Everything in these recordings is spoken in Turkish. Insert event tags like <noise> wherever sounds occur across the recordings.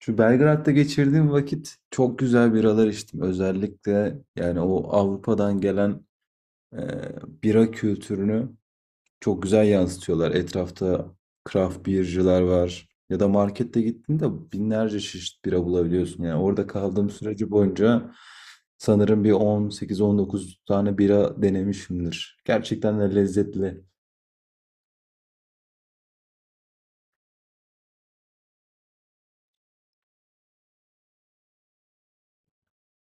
Şu Belgrad'da geçirdiğim vakit çok güzel biralar içtim. Özellikle yani o Avrupa'dan gelen e, bira kültürünü çok güzel yansıtıyorlar. Etrafta craft beer'cılar var. Ya da markette gittiğinde binlerce çeşit bira bulabiliyorsun. Yani orada kaldığım süreci boyunca sanırım bir 18-19 tane bira denemişimdir. Gerçekten de lezzetli.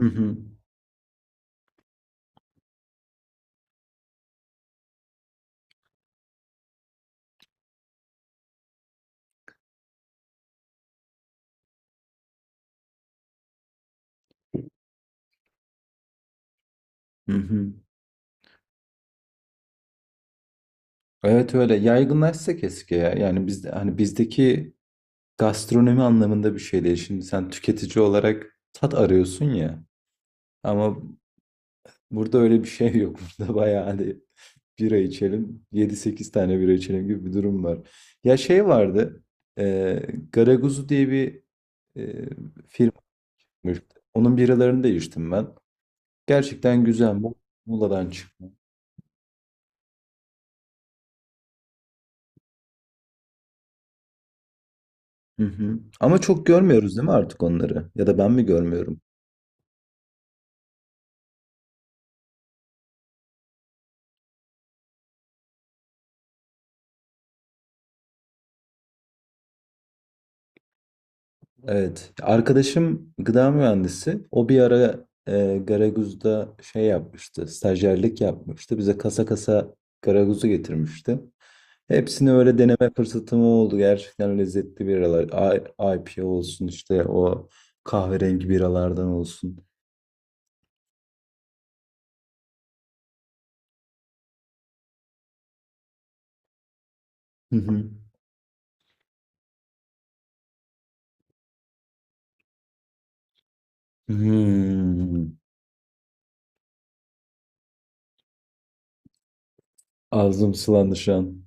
Hı hı. Hı hı. Evet, öyle yaygınlaşsa keşke ya. Yani biz hani bizdeki gastronomi anlamında bir şey değil. Şimdi sen tüketici olarak tat arıyorsun ya. Ama burada öyle bir şey yok. <laughs> Burada bayağı hani bira içelim, yedi sekiz tane bira içelim gibi bir durum var. Ya şey vardı, e, Garaguzu diye bir e, firmaymış. Onun biralarını da içtim ben. Gerçekten güzel. Muğla'dan çıkma. Hı hı. Ama çok görmüyoruz değil mi artık onları? Ya da ben mi görmüyorum? Evet. Arkadaşım gıda mühendisi. O bir ara Garaguz'da şey yapmıştı. Stajyerlik yapmıştı. Bize kasa kasa Garaguz'u getirmişti. Hepsini öyle deneme fırsatım oldu. Gerçekten lezzetli biralar. I- IPA olsun, işte o kahverengi biralardan olsun. Hı hı. Hmm. Ağzım sulandı şu an.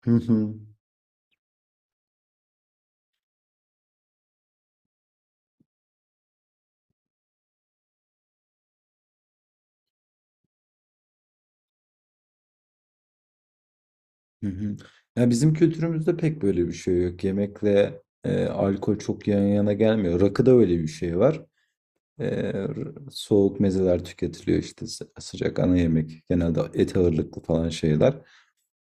Hı hı. Hı hı. Ya bizim kültürümüzde pek böyle bir şey yok. Yemekle alkol çok yan yana gelmiyor. Rakıda öyle bir şey var. Ee, Soğuk mezeler tüketiliyor, işte sıcak ana yemek genelde et ağırlıklı falan şeyler.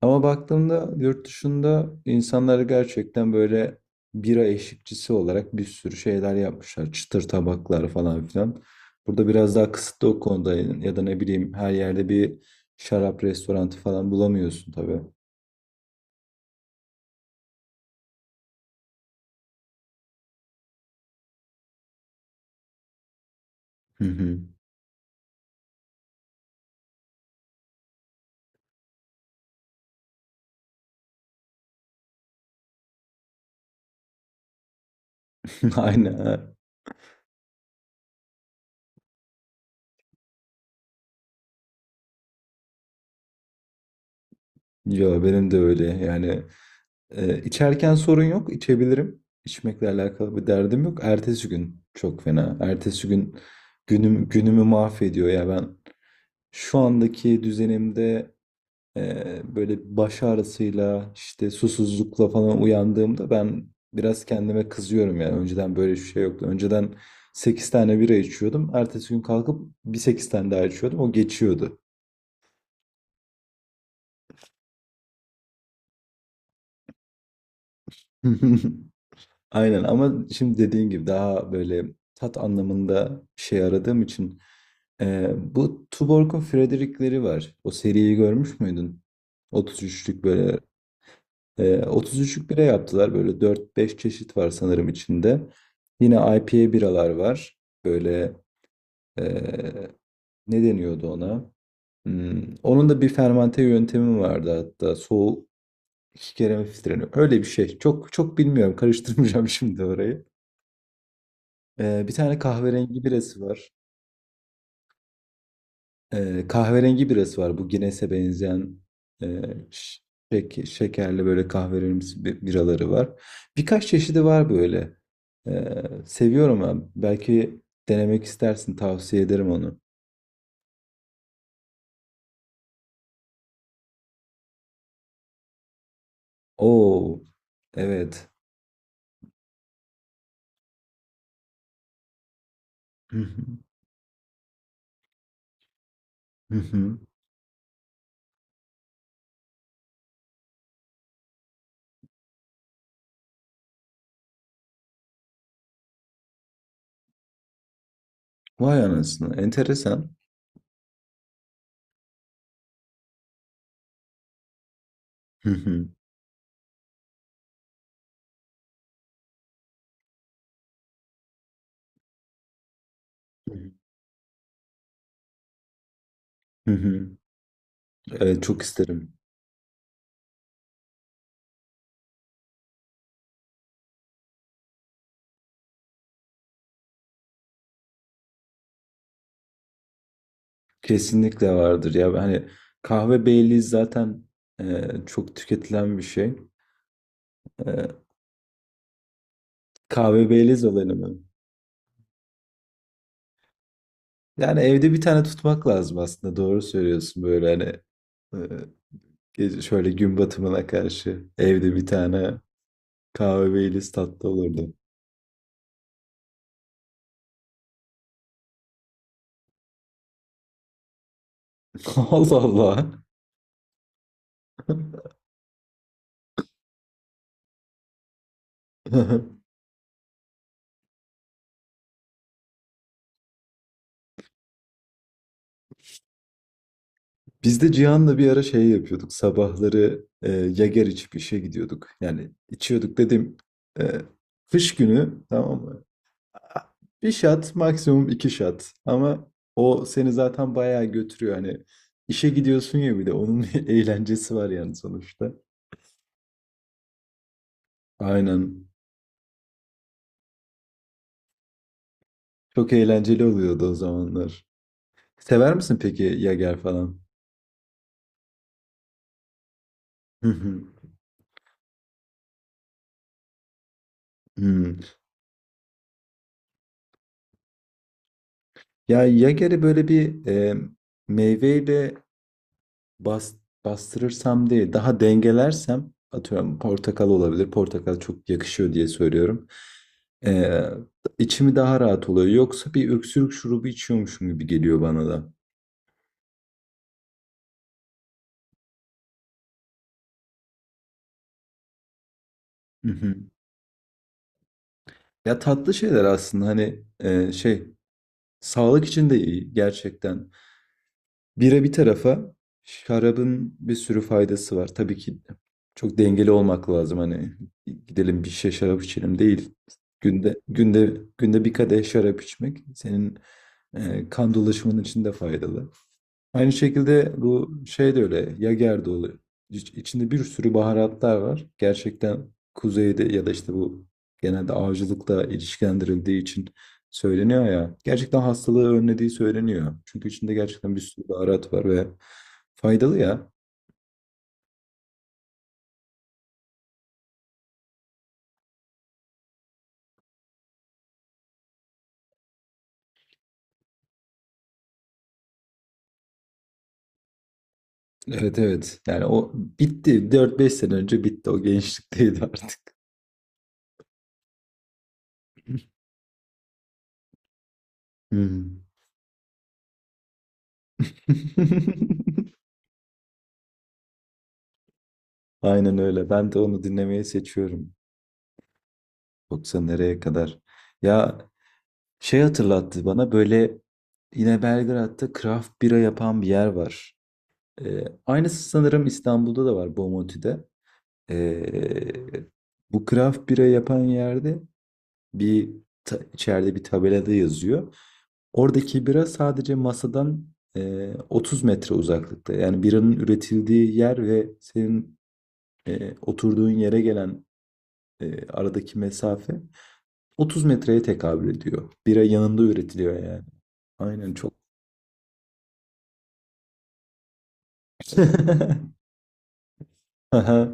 Ama baktığımda yurt dışında insanlar gerçekten böyle bira eşlikçisi olarak bir sürü şeyler yapmışlar. Çıtır tabaklar falan filan. Burada biraz daha kısıtlı o konuda, ya da ne bileyim, her yerde bir şarap restoranı falan bulamıyorsun tabii. Hı hı. <laughs> Aynen. Yo benim de öyle yani. İçerken sorun yok, içebilirim. İçmekle alakalı bir derdim yok. Ertesi gün çok fena. Ertesi gün günümü mahvediyor ya ben. Şu andaki düzenimde e, böyle baş ağrısıyla, işte susuzlukla falan uyandığımda ben biraz kendime kızıyorum yani. Önceden böyle bir şey yoktu. Önceden 8 tane bira içiyordum. Ertesi gün kalkıp bir 8 tane daha içiyordum. O geçiyordu. <laughs> Aynen, ama şimdi dediğin gibi daha böyle tat anlamında bir şey aradığım için bu Tuborg'un Frederick'leri var. O seriyi görmüş müydün? 33'lük, böyle 33'lük bira yaptılar. Böyle 4-5 çeşit var sanırım içinde. Yine IPA biralar var. Böyle eee, ne deniyordu ona? Onun da bir fermante yöntemi vardı hatta. Soğuk iki kere mi filtreleniyor? Öyle bir şey. Çok çok bilmiyorum. Karıştırmayacağım <laughs> şimdi orayı. Bir tane kahverengi birası var. Kahverengi birası var. Bu Guinness'e benzeyen e, ş- şekerli, böyle kahverengi biraları var. Birkaç çeşidi var böyle. Seviyorum ben. Belki denemek istersin. Tavsiye ederim onu. Oo, evet. Hı hı, hı hı. Vay anasını. Enteresan. Hı hı, hı hı. Evet, çok isterim. Kesinlikle vardır ya. Hani kahve Baileys zaten çok tüketilen bir şey. E, Kahve Baileys olayını mı? Yani evde bir tane tutmak lazım aslında. Doğru söylüyorsun böyle, hani e, şöyle gün batımına karşı evde bir tane kahve Baileys tatlı olurdu. <laughs> Allah Allah. <laughs> Biz de Cihan'la bir ara şey yapıyorduk. Sabahları Yager içip işe gidiyorduk. Yani içiyorduk dedim. e, Kış günü, tamam mı? Bir shot, maksimum iki shot, ama o seni zaten bayağı götürüyor, hani işe gidiyorsun ya, bir de onun <laughs> bir eğlencesi var yani sonuçta. Aynen. Çok eğlenceli oluyordu o zamanlar. Sever misin peki Yager falan? Hı hı. Hmm. Ya, Yager'i böyle bir meyveyle bas, bastırırsam, değil daha dengelersem, atıyorum portakal olabilir. Portakal çok yakışıyor diye söylüyorum. Ee, içimi daha rahat oluyor. Yoksa bir öksürük şurubu içiyormuşum gibi geliyor bana da. Hı hı. Ya, tatlı şeyler aslında, hani şey, sağlık için de iyi gerçekten. Bira bir tarafa, şarabın bir sürü faydası var. Tabii ki çok dengeli olmak lazım, hani gidelim bir şişe şarap içelim değil. Günde bir kadeh şarap içmek senin kan dolaşımın için de faydalı. Aynı şekilde bu şey de öyle. Yager de oluyor. İçinde bir sürü baharatlar var. Gerçekten kuzeyde ya da işte bu genelde avcılıkla ilişkilendirildiği için söyleniyor ya. Gerçekten hastalığı önlediği söyleniyor. Çünkü içinde gerçekten bir sürü baharat var ve faydalı ya. Evet, evet. Yani o bitti. 4-5 sene önce bitti. O gençlikteydi artık. Hmm. <laughs> Aynen öyle. Ben de onu dinlemeyi seçiyorum. Yoksa nereye kadar? Ya, şey hatırlattı bana böyle, yine Belgrad'da craft bira yapan bir yer var. Aynısı sanırım İstanbul'da da var, Bomonti'de. Ee, Bu craft bira yapan yerde bir içeride bir tabelada yazıyor. Oradaki bira sadece masadan 30 metre uzaklıkta. Yani biranın üretildiği yer ve senin oturduğun yere gelen aradaki mesafe 30 metreye tekabül ediyor. Bira yanında üretiliyor yani. Aynen, çok. <laughs> Aha.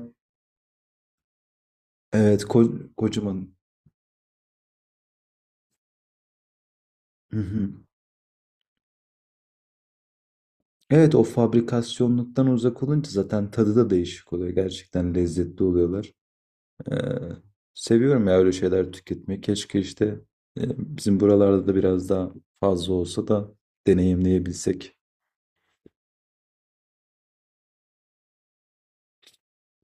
Evet, kocaman. Hı hı. Evet, o fabrikasyonluktan uzak olunca zaten tadı da değişik oluyor. Gerçekten lezzetli oluyorlar. Ee, Seviyorum ya öyle şeyler tüketmeyi. Keşke işte e, bizim buralarda da biraz daha fazla olsa da deneyimleyebilsek.